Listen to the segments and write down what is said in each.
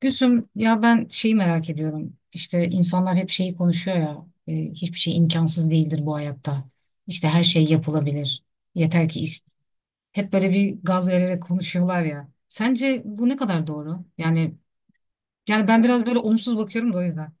Gülsüm ya ben şeyi merak ediyorum. İşte insanlar hep şeyi konuşuyor ya. Hiçbir şey imkansız değildir bu hayatta. İşte her şey yapılabilir. Yeter ki ist- Hep böyle bir gaz vererek konuşuyorlar ya. Sence bu ne kadar doğru? Yani ben biraz böyle olumsuz bakıyorum da o yüzden.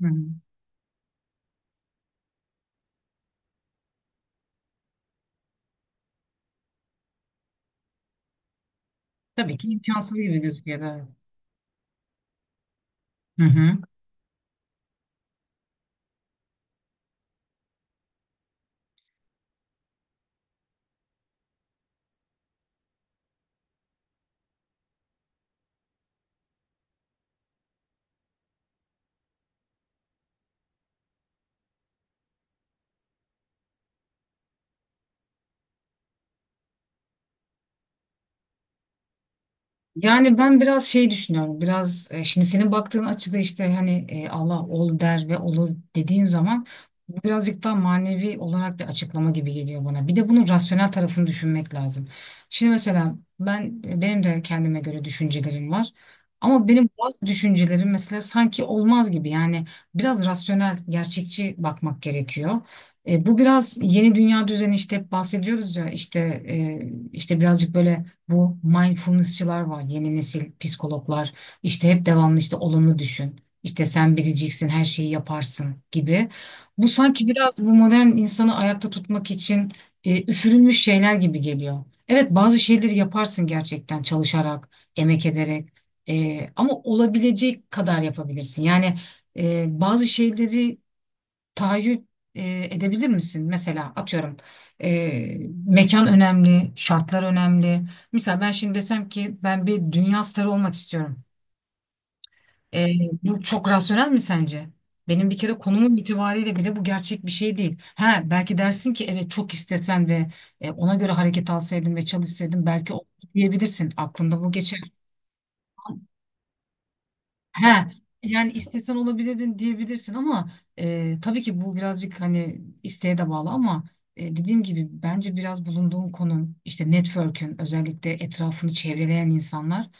Hı. Tabii ki imkansız gibi gözüküyor da. Evet. Hı hı. Yani ben biraz şey düşünüyorum. Biraz şimdi senin baktığın açıda işte hani Allah ol der ve olur dediğin zaman bu birazcık daha manevi olarak bir açıklama gibi geliyor bana. Bir de bunun rasyonel tarafını düşünmek lazım. Şimdi mesela benim de kendime göre düşüncelerim var. Ama benim bazı düşüncelerim mesela sanki olmaz gibi. Yani biraz rasyonel, gerçekçi bakmak gerekiyor. Bu biraz yeni dünya düzeni işte hep bahsediyoruz ya işte işte birazcık böyle bu mindfulnessçılar var. Yeni nesil psikologlar işte hep devamlı işte olumlu düşün. İşte sen biriciksin, her şeyi yaparsın gibi. Bu sanki biraz bu modern insanı ayakta tutmak için üfürülmüş şeyler gibi geliyor. Evet, bazı şeyleri yaparsın gerçekten çalışarak, emek ederek. Ama olabilecek kadar yapabilirsin. Yani bazı şeyleri tahayyül edebilir misin? Mesela atıyorum e, mekan önemli, şartlar önemli. Mesela ben şimdi desem ki ben bir dünya starı olmak istiyorum. E, bu çok rasyonel mi sence? Benim bir kere konumum itibariyle bile bu gerçek bir şey değil. Ha belki dersin ki evet çok istesen ve ona göre hareket alsaydın ve çalışsaydın belki o diyebilirsin. Aklında bu geçer. He, yani istesen olabilirdin diyebilirsin ama tabii ki bu birazcık hani isteğe de bağlı ama dediğim gibi bence biraz bulunduğun konum işte network'ün özellikle etrafını çevreleyen insanlar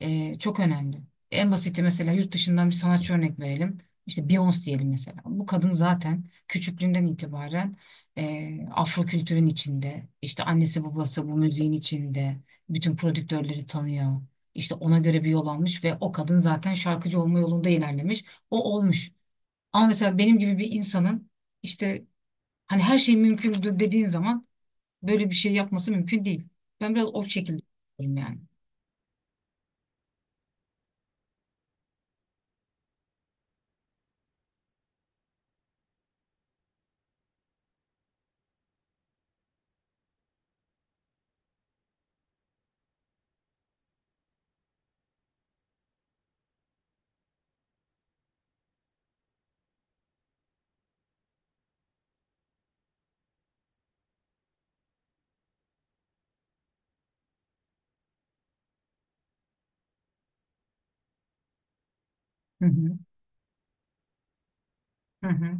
çok önemli. En basiti mesela yurt dışından bir sanatçı örnek verelim. İşte Beyoncé diyelim mesela. Bu kadın zaten küçüklüğünden itibaren Afro kültürün içinde, işte annesi babası bu müziğin içinde, bütün prodüktörleri tanıyor. İşte ona göre bir yol almış ve o kadın zaten şarkıcı olma yolunda ilerlemiş. O olmuş. Ama mesela benim gibi bir insanın işte hani her şey mümkündür dediğin zaman böyle bir şey yapması mümkün değil. Ben biraz o şekilde düşünüyorum yani. Hı hı. Hı hı.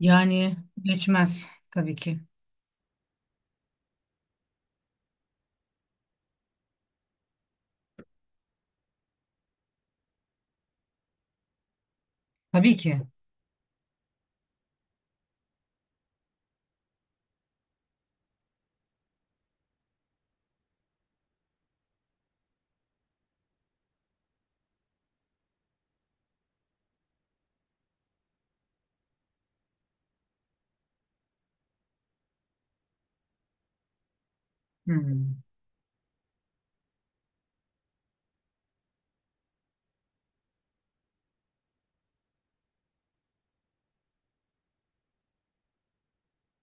Yani geçmez tabii ki. Tabii ki. Hı.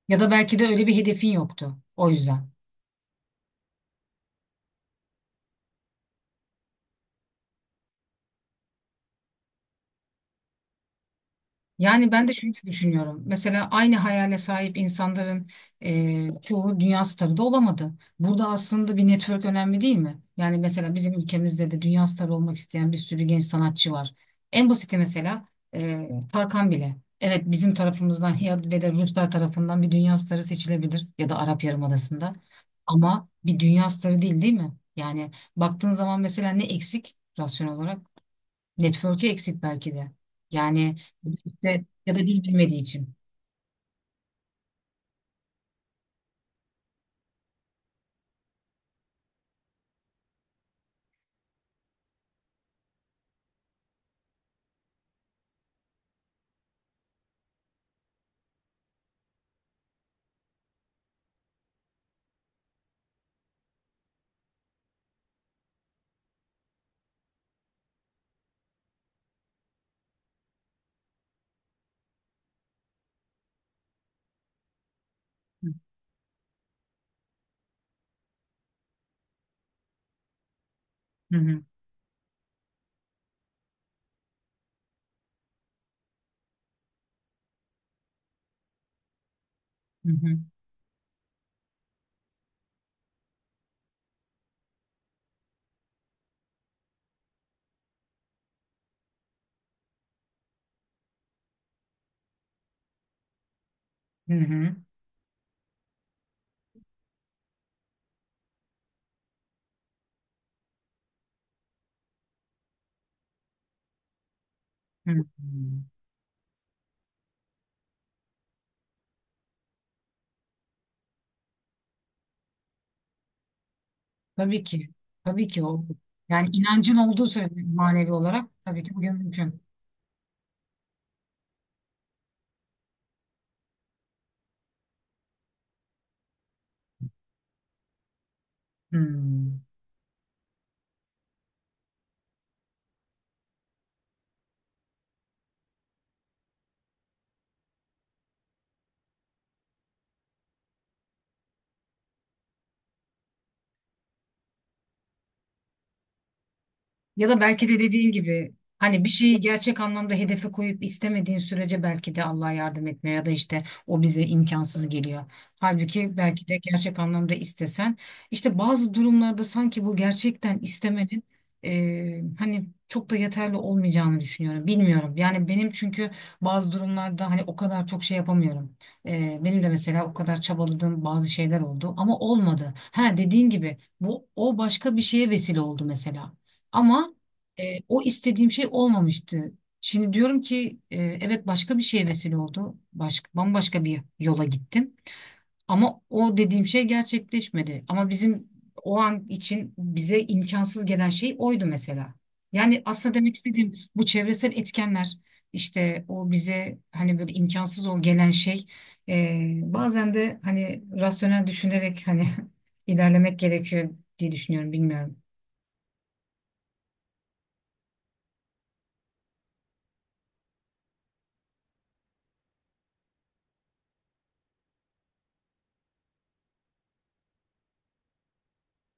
Ya da belki de öyle bir hedefin yoktu. O yüzden. Yani ben de şöyle düşünüyorum. Mesela aynı hayale sahip insanların çoğu dünya starı da olamadı. Burada aslında bir network önemli değil mi? Yani mesela bizim ülkemizde de dünya starı olmak isteyen bir sürü genç sanatçı var. En basiti mesela Tarkan bile. Evet, bizim tarafımızdan ya ve de Ruslar tarafından bir dünya starı seçilebilir ya da Arap Yarımadası'nda. Ama bir dünya starı değil, değil mi? Yani baktığın zaman mesela ne eksik rasyonel olarak? Network'ü eksik belki de. Yani işte ya da dil bilmediği için. Hı hı hı hı hı hı. Hı hı. Tabii ki. Tabii ki o. Yani inancın olduğu sürece manevi olarak tabii ki bugün mümkün. Hı. Ya da belki de dediğin gibi hani bir şeyi gerçek anlamda hedefe koyup istemediğin sürece belki de Allah yardım etmiyor ya da işte o bize imkansız geliyor. Halbuki belki de gerçek anlamda istesen işte bazı durumlarda sanki bu gerçekten istemenin hani çok da yeterli olmayacağını düşünüyorum. Bilmiyorum yani, benim çünkü bazı durumlarda hani o kadar çok şey yapamıyorum. Benim de mesela o kadar çabaladığım bazı şeyler oldu ama olmadı. Ha, dediğin gibi bu o başka bir şeye vesile oldu mesela. Ama o istediğim şey olmamıştı. Şimdi diyorum ki evet başka bir şeye vesile oldu. Başka, bambaşka bir yola gittim. Ama o dediğim şey gerçekleşmedi. Ama bizim o an için bize imkansız gelen şey oydu mesela. Yani aslında demek istediğim bu çevresel etkenler işte o bize hani böyle imkansız o gelen şey bazen de hani rasyonel düşünerek hani ilerlemek gerekiyor diye düşünüyorum, bilmiyorum.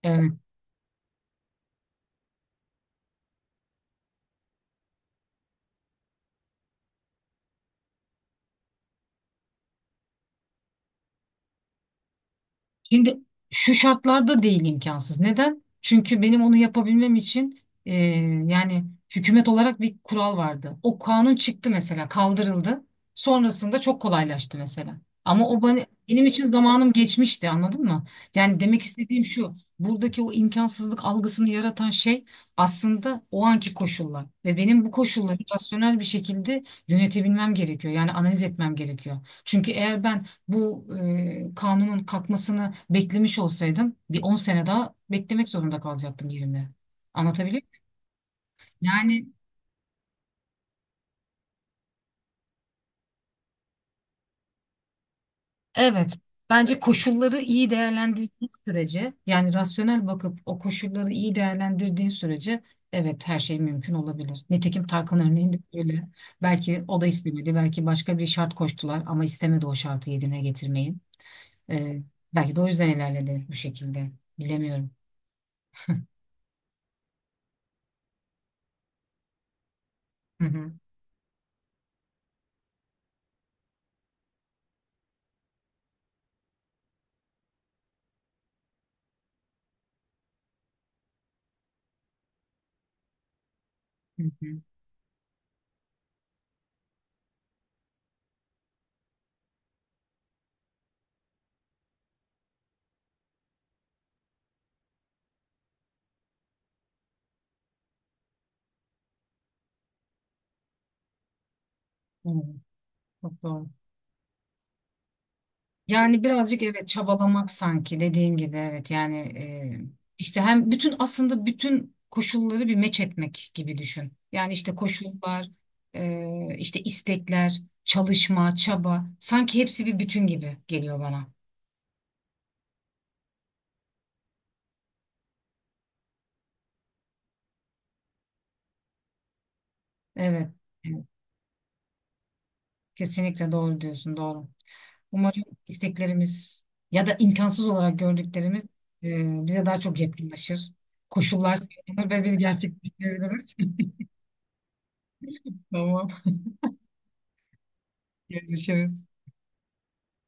Evet. Şimdi şu şartlarda değil imkansız. Neden? Çünkü benim onu yapabilmem için e, yani hükümet olarak bir kural vardı. O kanun çıktı mesela, kaldırıldı. Sonrasında çok kolaylaştı mesela. Ama o bana, benim için zamanım geçmişti, anladın mı? Yani demek istediğim şu, buradaki o imkansızlık algısını yaratan şey aslında o anki koşullar. Ve benim bu koşulları rasyonel bir şekilde yönetebilmem gerekiyor. Yani analiz etmem gerekiyor. Çünkü eğer ben bu kanunun kalkmasını beklemiş olsaydım bir 10 sene daha beklemek zorunda kalacaktım yerimde. Anlatabiliyor muyum? Yani evet, bence koşulları iyi değerlendirdiğin sürece yani rasyonel bakıp o koşulları iyi değerlendirdiğin sürece evet her şey mümkün olabilir. Nitekim Tarkan örneğinde öyle. Belki o da istemedi. Belki başka bir şart koştular ama istemedi o şartı yerine getirmeyi. E, belki de o yüzden ilerledi bu şekilde. Bilemiyorum. Hı hı. Hı hı. Evet, çok doğru. Yani birazcık evet çabalamak sanki dediğin gibi, evet, yani işte hem bütün aslında bütün koşulları bir meç etmek gibi düşün. Yani işte koşullar, işte istekler, çalışma, çaba sanki hepsi bir bütün gibi geliyor bana. Evet, evet, kesinlikle doğru diyorsun, doğru. Umarım isteklerimiz ya da imkansız olarak gördüklerimiz bize daha çok yakınlaşır. Koşullar sağlanır ve biz gerçekleştirebiliriz. Tamam, görüşürüz.